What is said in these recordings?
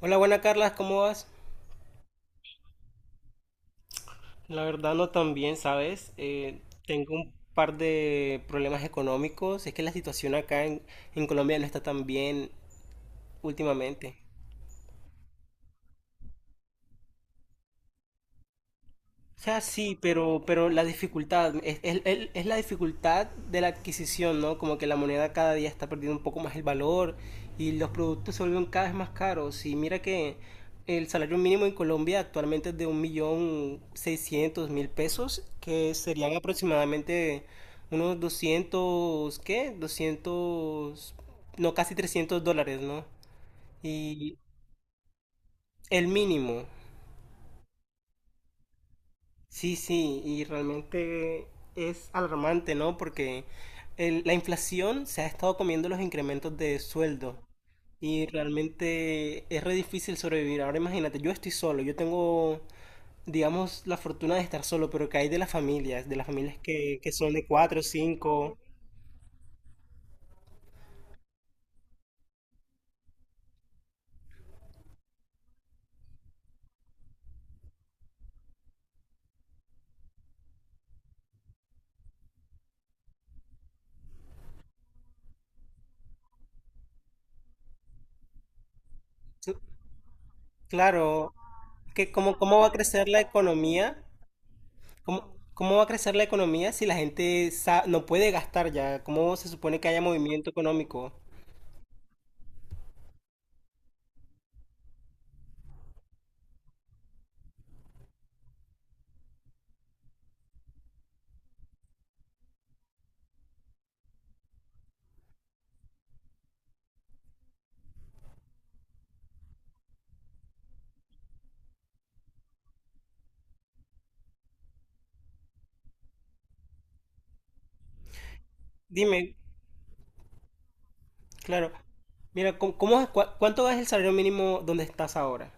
Hola, buena Carla, ¿cómo vas? La verdad no tan bien, ¿sabes? Tengo un par de problemas económicos. Es que la situación acá en Colombia no está tan bien últimamente. O sea, sí, pero la dificultad, es la dificultad de la adquisición, ¿no? Como que la moneda cada día está perdiendo un poco más el valor y los productos se vuelven cada vez más caros. Y mira que el salario mínimo en Colombia actualmente es de 1.600.000 pesos, que serían aproximadamente unos 200. ¿Qué? 200 no, casi $300, ¿no? Y el mínimo. Sí, sí, y realmente es alarmante, ¿no? Porque la inflación se ha estado comiendo los incrementos de sueldo y realmente es re difícil sobrevivir. Ahora imagínate, yo estoy solo, yo tengo, digamos, la fortuna de estar solo, pero ¿que hay de las familias? De las familias que son de cuatro, cinco. Su- Claro, que cómo va a crecer la economía, cómo va a crecer la economía si la gente no puede gastar ya, cómo se supone que haya movimiento económico. Dime. Claro. Mira, ¿cuánto es el salario mínimo donde estás ahora?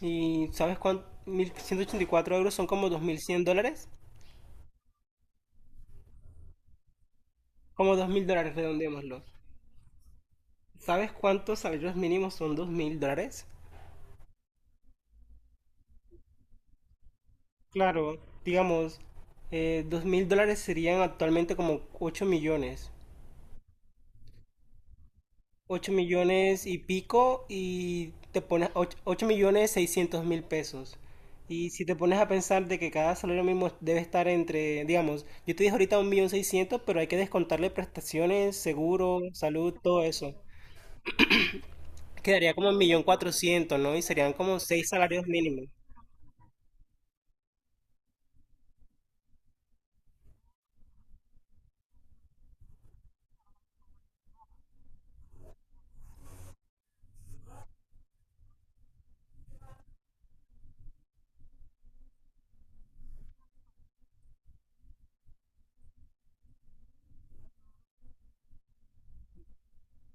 Y ¿sabes cuánto? 1.184 € son como $2.100. Como $2.000, redondeémoslo. ¿Sabes cuántos salarios mínimos son $2.000? Claro, digamos, $2.000 serían actualmente como 8 millones. Ocho millones y pico y te pones 8 millones 600 mil pesos. Y si te pones a pensar de que cada salario mínimo debe estar entre, digamos, yo te dije ahorita 1.600.000, pero hay que descontarle prestaciones, seguro, salud, todo eso. Quedaría como 1.400.000, ¿no? Y serían como seis salarios mínimos.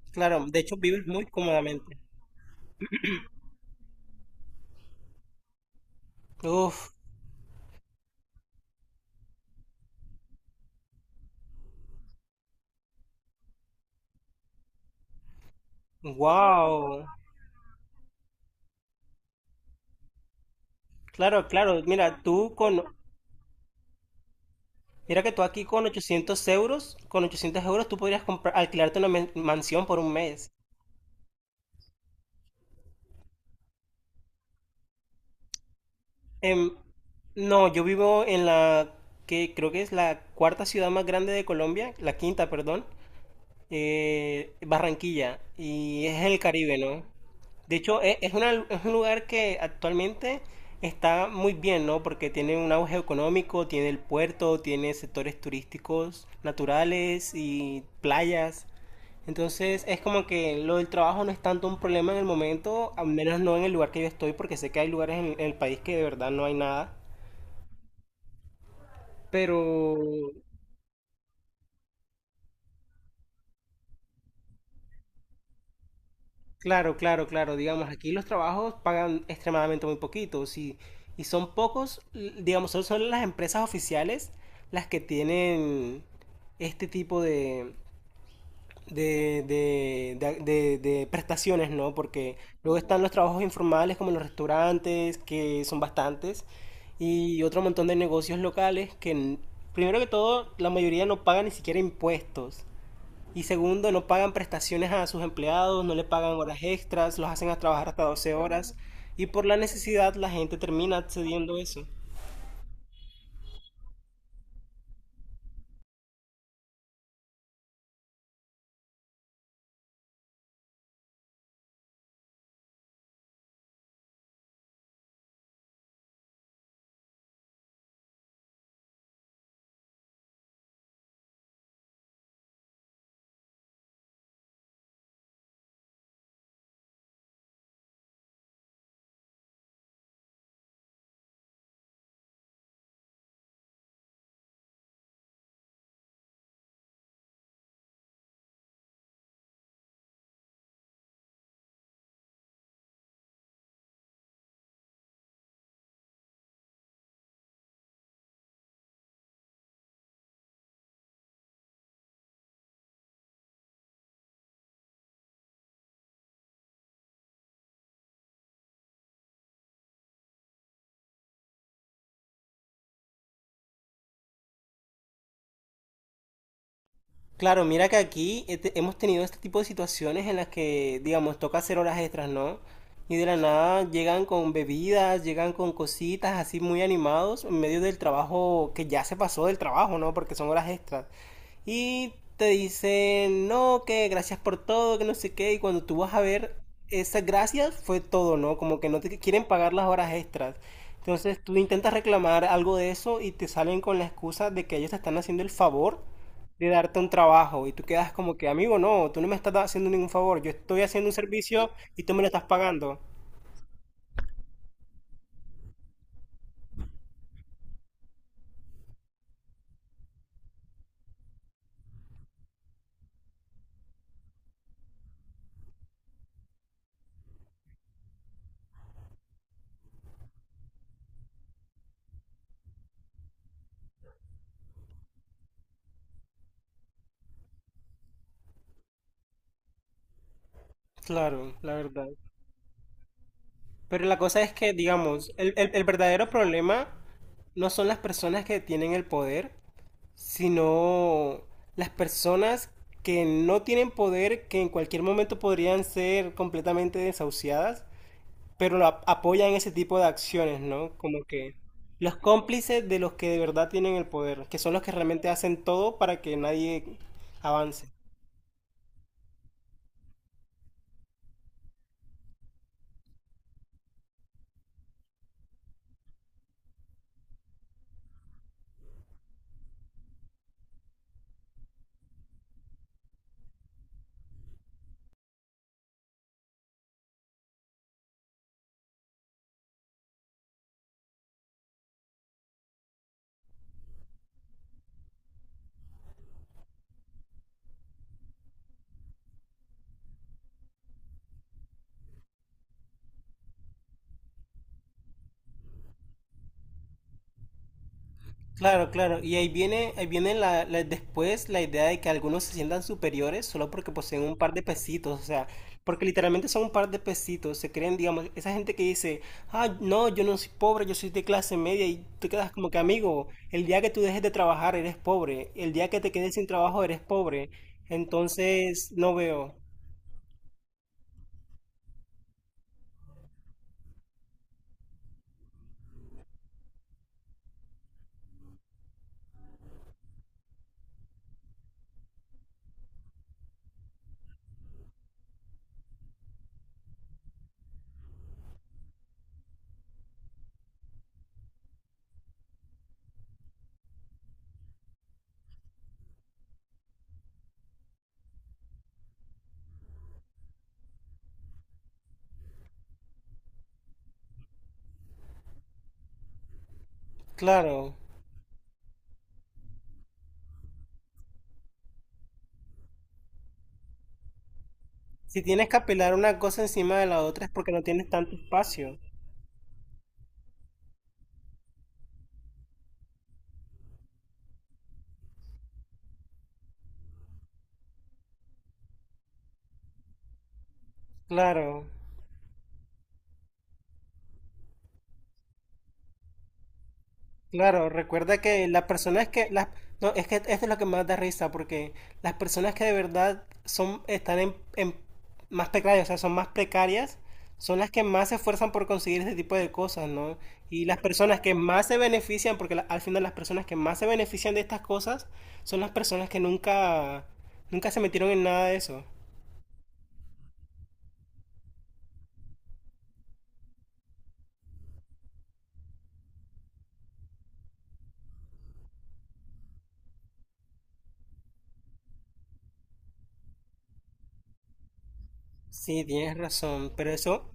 Claro, de hecho vives muy cómodamente. Uf, wow. Claro, claro, mira, tú con mira que tú aquí con 800 euros, con 800 € tú podrías comprar, alquilarte una mansión por un mes. Em, no, yo vivo en la que creo que es la cuarta ciudad más grande de Colombia, la quinta, perdón. Barranquilla, y es el Caribe, ¿no? De hecho, es un lugar que actualmente está muy bien, ¿no? Porque tiene un auge económico, tiene el puerto, tiene sectores turísticos naturales y playas. Entonces, es como que lo del trabajo no es tanto un problema en el momento, al menos no en el lugar que yo estoy, porque sé que hay lugares en el país que de verdad no hay nada. Pero claro, claro, claro. Digamos, aquí los trabajos pagan extremadamente muy poquitos y son pocos, digamos, solo son las empresas oficiales las que tienen este tipo de prestaciones, ¿no? Porque luego están los trabajos informales como los restaurantes, que son bastantes, y otro montón de negocios locales primero que todo, la mayoría no pagan ni siquiera impuestos. Y segundo, no pagan prestaciones a sus empleados, no le pagan horas extras, los hacen a trabajar hasta 12 horas. Y por la necesidad la gente termina accediendo a eso. Claro, mira que aquí hemos tenido este tipo de situaciones en las que, digamos, toca hacer horas extras, ¿no? Y de la nada llegan con bebidas, llegan con cositas así muy animados en medio del trabajo que ya se pasó del trabajo, ¿no? Porque son horas extras. Y te dicen, no, que gracias por todo, que no sé qué. Y cuando tú vas a ver, esas gracias fue todo, ¿no? Como que no te quieren pagar las horas extras. Entonces tú intentas reclamar algo de eso y te salen con la excusa de que ellos te están haciendo el favor de darte un trabajo. Y tú quedas como que, amigo, no, tú no me estás haciendo ningún favor. Yo estoy haciendo un servicio y tú me lo estás pagando. Claro, la verdad. Pero la cosa es que, digamos, el verdadero problema no son las personas que tienen el poder, sino las personas que no tienen poder, que en cualquier momento podrían ser completamente desahuciadas, pero lo apoyan ese tipo de acciones, ¿no? Como que los cómplices de los que de verdad tienen el poder, que son los que realmente hacen todo para que nadie avance. Claro, claro. Y ahí viene después la idea de que algunos se sientan superiores solo porque poseen un par de pesitos, o sea, porque literalmente son un par de pesitos, se creen, digamos, esa gente que dice, ah, no, yo no soy pobre, yo soy de clase media, y tú quedas como que amigo, el día que tú dejes de trabajar eres pobre, el día que te quedes sin trabajo eres pobre, entonces no veo. Claro, si tienes que apelar una cosa encima de la otra es porque no tienes tanto espacio. Claro. Claro, recuerda que las personas que las no, es que esto es lo que más da risa porque las personas que de verdad son están en más precarias, o sea, son más precarias, son las que más se esfuerzan por conseguir este tipo de cosas, ¿no? Y las personas que más se benefician, porque al final las personas que más se benefician de estas cosas son las personas que nunca se metieron en nada de eso. Sí, tienes razón, pero eso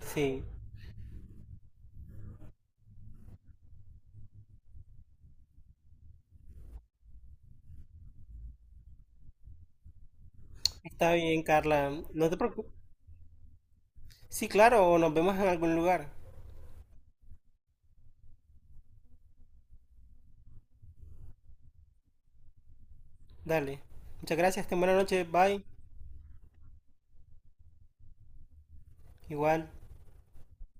sí. Está bien, Carla, no te preocupes. Sí, claro, o nos vemos en algún lugar. Dale. Muchas gracias, ten buena noche, bye. Igual.